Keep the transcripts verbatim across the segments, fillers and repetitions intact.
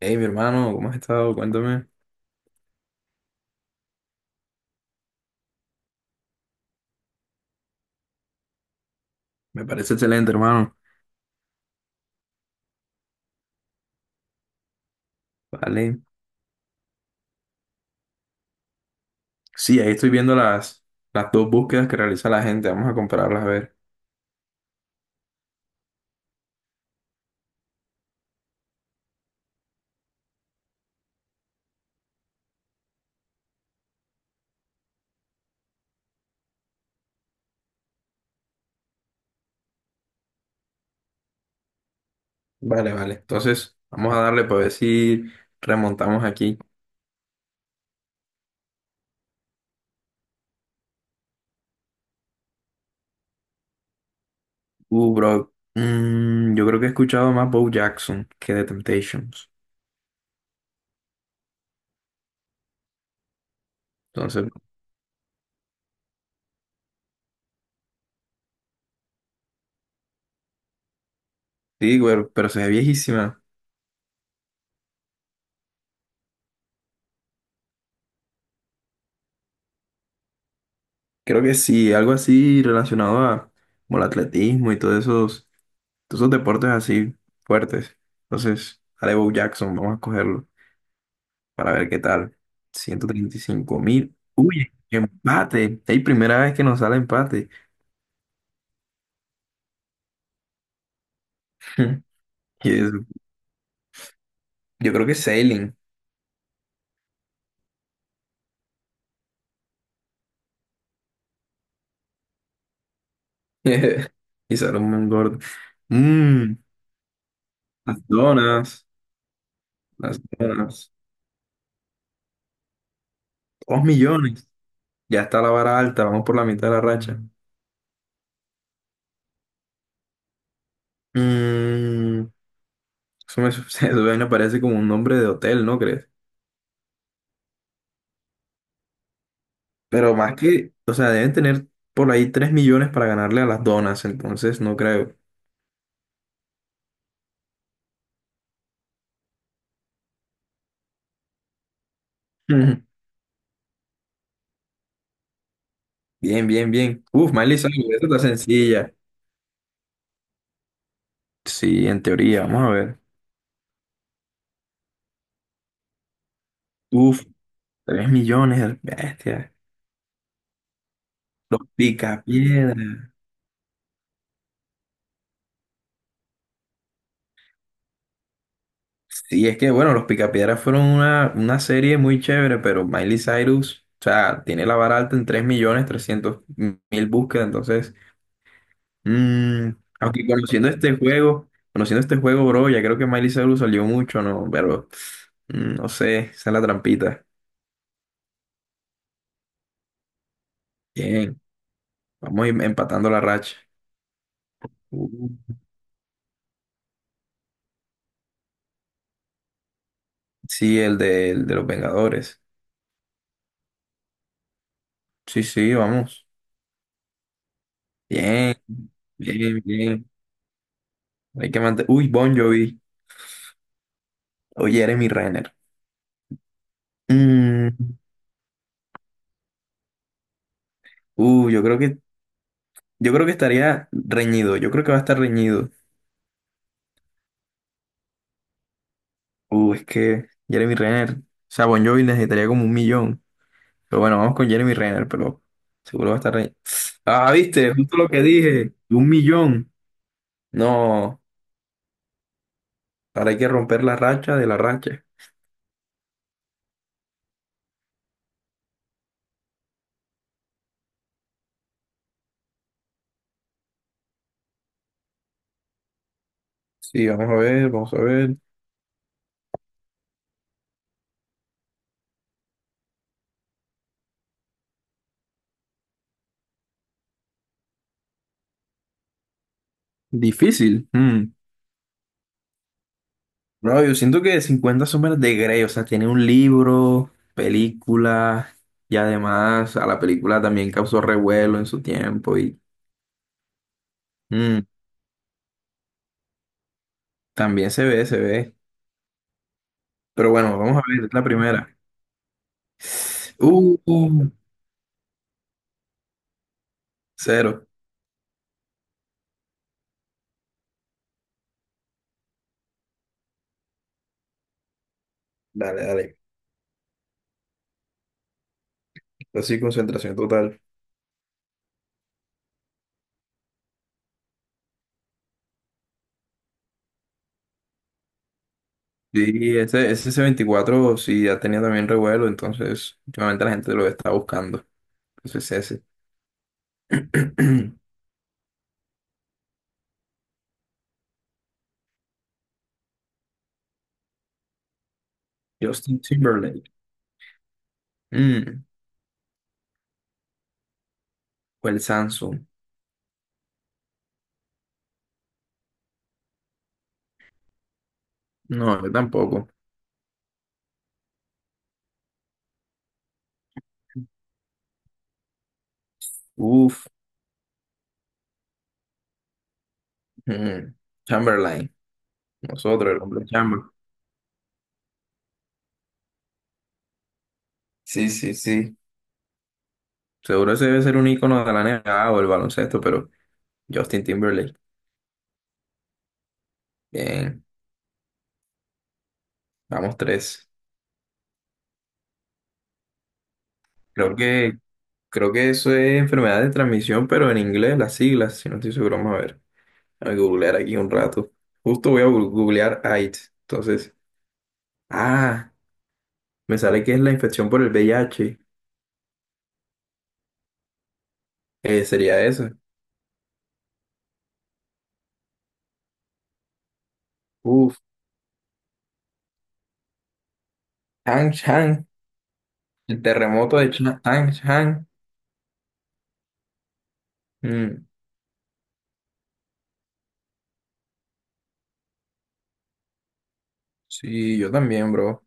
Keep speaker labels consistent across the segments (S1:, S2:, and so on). S1: Hey, mi hermano, ¿cómo has estado? Cuéntame. Me parece excelente, hermano. Vale. Sí, ahí estoy viendo las, las dos búsquedas que realiza la gente. Vamos a compararlas a ver. Vale, vale. Entonces, vamos a darle para ver si remontamos aquí. Uh, bro. mm, yo creo que he escuchado más Bo Jackson que The Temptations. Entonces, sí, güey, pero se ve viejísima. Creo que sí, algo así relacionado a como el atletismo y todos esos, todos esos deportes así fuertes. Entonces, haré Bo Jackson, vamos a cogerlo, para ver qué tal. ciento treinta y cinco mil. Uy, empate. Es primera vez que nos sale empate. Y es- yo creo que es Sailing. Y sale un buen gordo. Mm, las donas. Las donas. Dos millones. Ya está la vara alta. Vamos por la mitad de la racha. Mm, eso me, Eso me parece como un nombre de hotel, ¿no crees? Pero más que, o sea, deben tener por ahí tres millones para ganarle a las donas, entonces no creo. Bien, bien, bien. Uf, Miley Cyrus, esta está sencilla. Sí, en teoría, vamos a ver. Uf, tres millones, bestia. Los Picapiedra. Sí, es que bueno, los Picapiedra fueron una, una serie muy chévere, pero Miley Cyrus, o sea, tiene la vara alta en tres millones trescientos mil búsquedas, entonces, mm, aunque conociendo este juego, conociendo este juego, bro, ya creo que Miley Cyrus salió mucho, ¿no? Pero, mm, no sé, esa es la trampita. Bien, vamos a ir empatando la racha. Uh. Sí, el de, el de los Vengadores. Sí, sí, vamos. Bien, bien, bien. Hay que mantener. Uy, Bon Jovi. Oye, Jeremy Renner. Mm, uh, yo creo que, yo creo que estaría reñido. Yo creo que va a estar reñido. Uh, es que Jeremy Renner. O sea, Bon Jovi necesitaría como un millón. Pero bueno, vamos con Jeremy Renner, pero seguro va a estar reñido. Ah, viste, justo lo que dije. Un millón. No, ahora hay que romper la racha de la racha. Sí, vamos a ver, vamos a ver. Difícil. Mm. Bro, yo siento que cincuenta sombras de Grey, o sea, tiene un libro, película, y además a la película también causó revuelo en su tiempo y mm, también se ve, se ve. Pero bueno, vamos a ver la primera. Uh, uh, cero. Dale, dale. Así, concentración total. Sí, ese, ese c veinticuatro sí ya tenía también revuelo, entonces últimamente la gente lo está buscando. Entonces ese. Justin Timberlake. Mm. Fue el Samsung. No, yo tampoco. Uf. mm, Chamberlain. Nosotros, el hombre Chamberlain. Sí, sí, sí. Seguro ese debe ser un icono de la N B A o el baloncesto, pero Justin Timberlake. Bien, vamos tres. Creo que, creo que eso es enfermedad de transmisión, pero en inglés, las siglas, si no estoy seguro, vamos a ver. Voy a googlear aquí un rato. Justo voy a gu- googlear AIDS. Entonces, ah, me sale que es la infección por el V I H. Eh, sería eso. Uf, Chang El terremoto de China- Tangshan. Mm, sí, yo también, bro.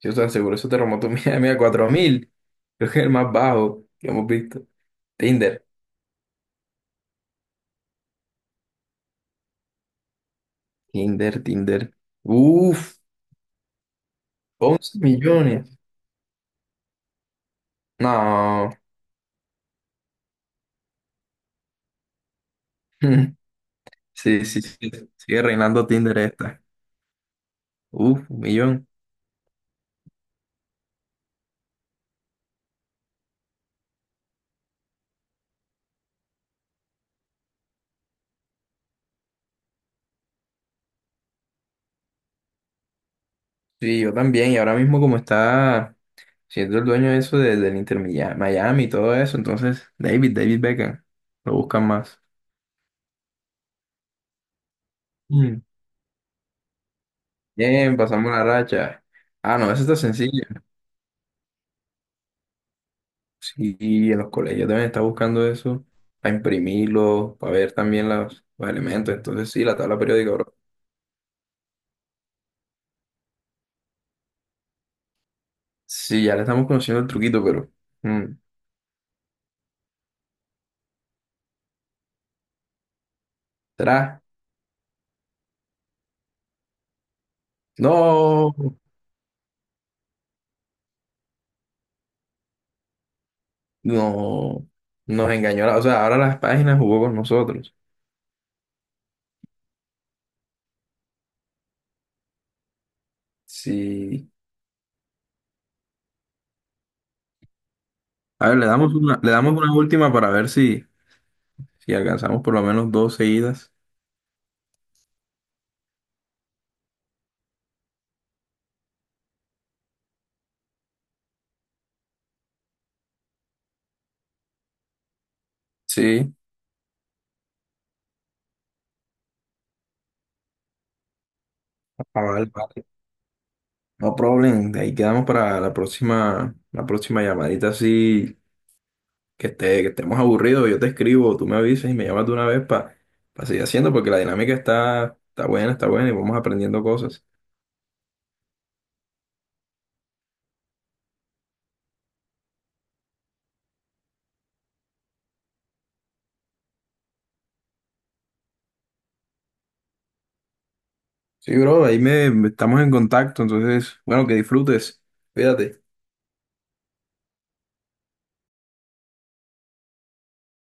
S1: Yo te aseguro, ese terremoto mira, mira, cuatro mil. Creo que es el más bajo que hemos visto. Tinder, Tinder, Tinder. Uf, once millones. No. Sí, sí, sí. Sigue reinando Tinder esta. Uf, un millón. Sí, yo también. Y ahora mismo como está siendo el dueño de eso de- del Inter Miami Miami y todo eso, entonces David, David Beckham. Lo buscan más. Bien, pasamos la racha. Ah, no, eso está sencillo. Sí, en los colegios también está buscando eso para imprimirlo, para ver también los, los elementos. Entonces, sí, la tabla periódica, bro. Sí, ya le estamos conociendo el truquito, pero mm, ¿será? No, no, nos engañó. la- O sea, ahora las páginas jugó con nosotros. Sí. A ver, le damos una, le damos una última para ver si, si alcanzamos por lo menos dos seguidas. Sí. Ah, vale, vale. No problem, de ahí quedamos para la próxima, la próxima llamadita así que esté, que estemos aburridos, yo te escribo, tú me avisas y me llamas de una vez para seguir haciendo porque la dinámica está, está buena, está buena y vamos aprendiendo cosas. Sí, bro, ahí me me- estamos en contacto, entonces, bueno, que disfrutes. Cuídate.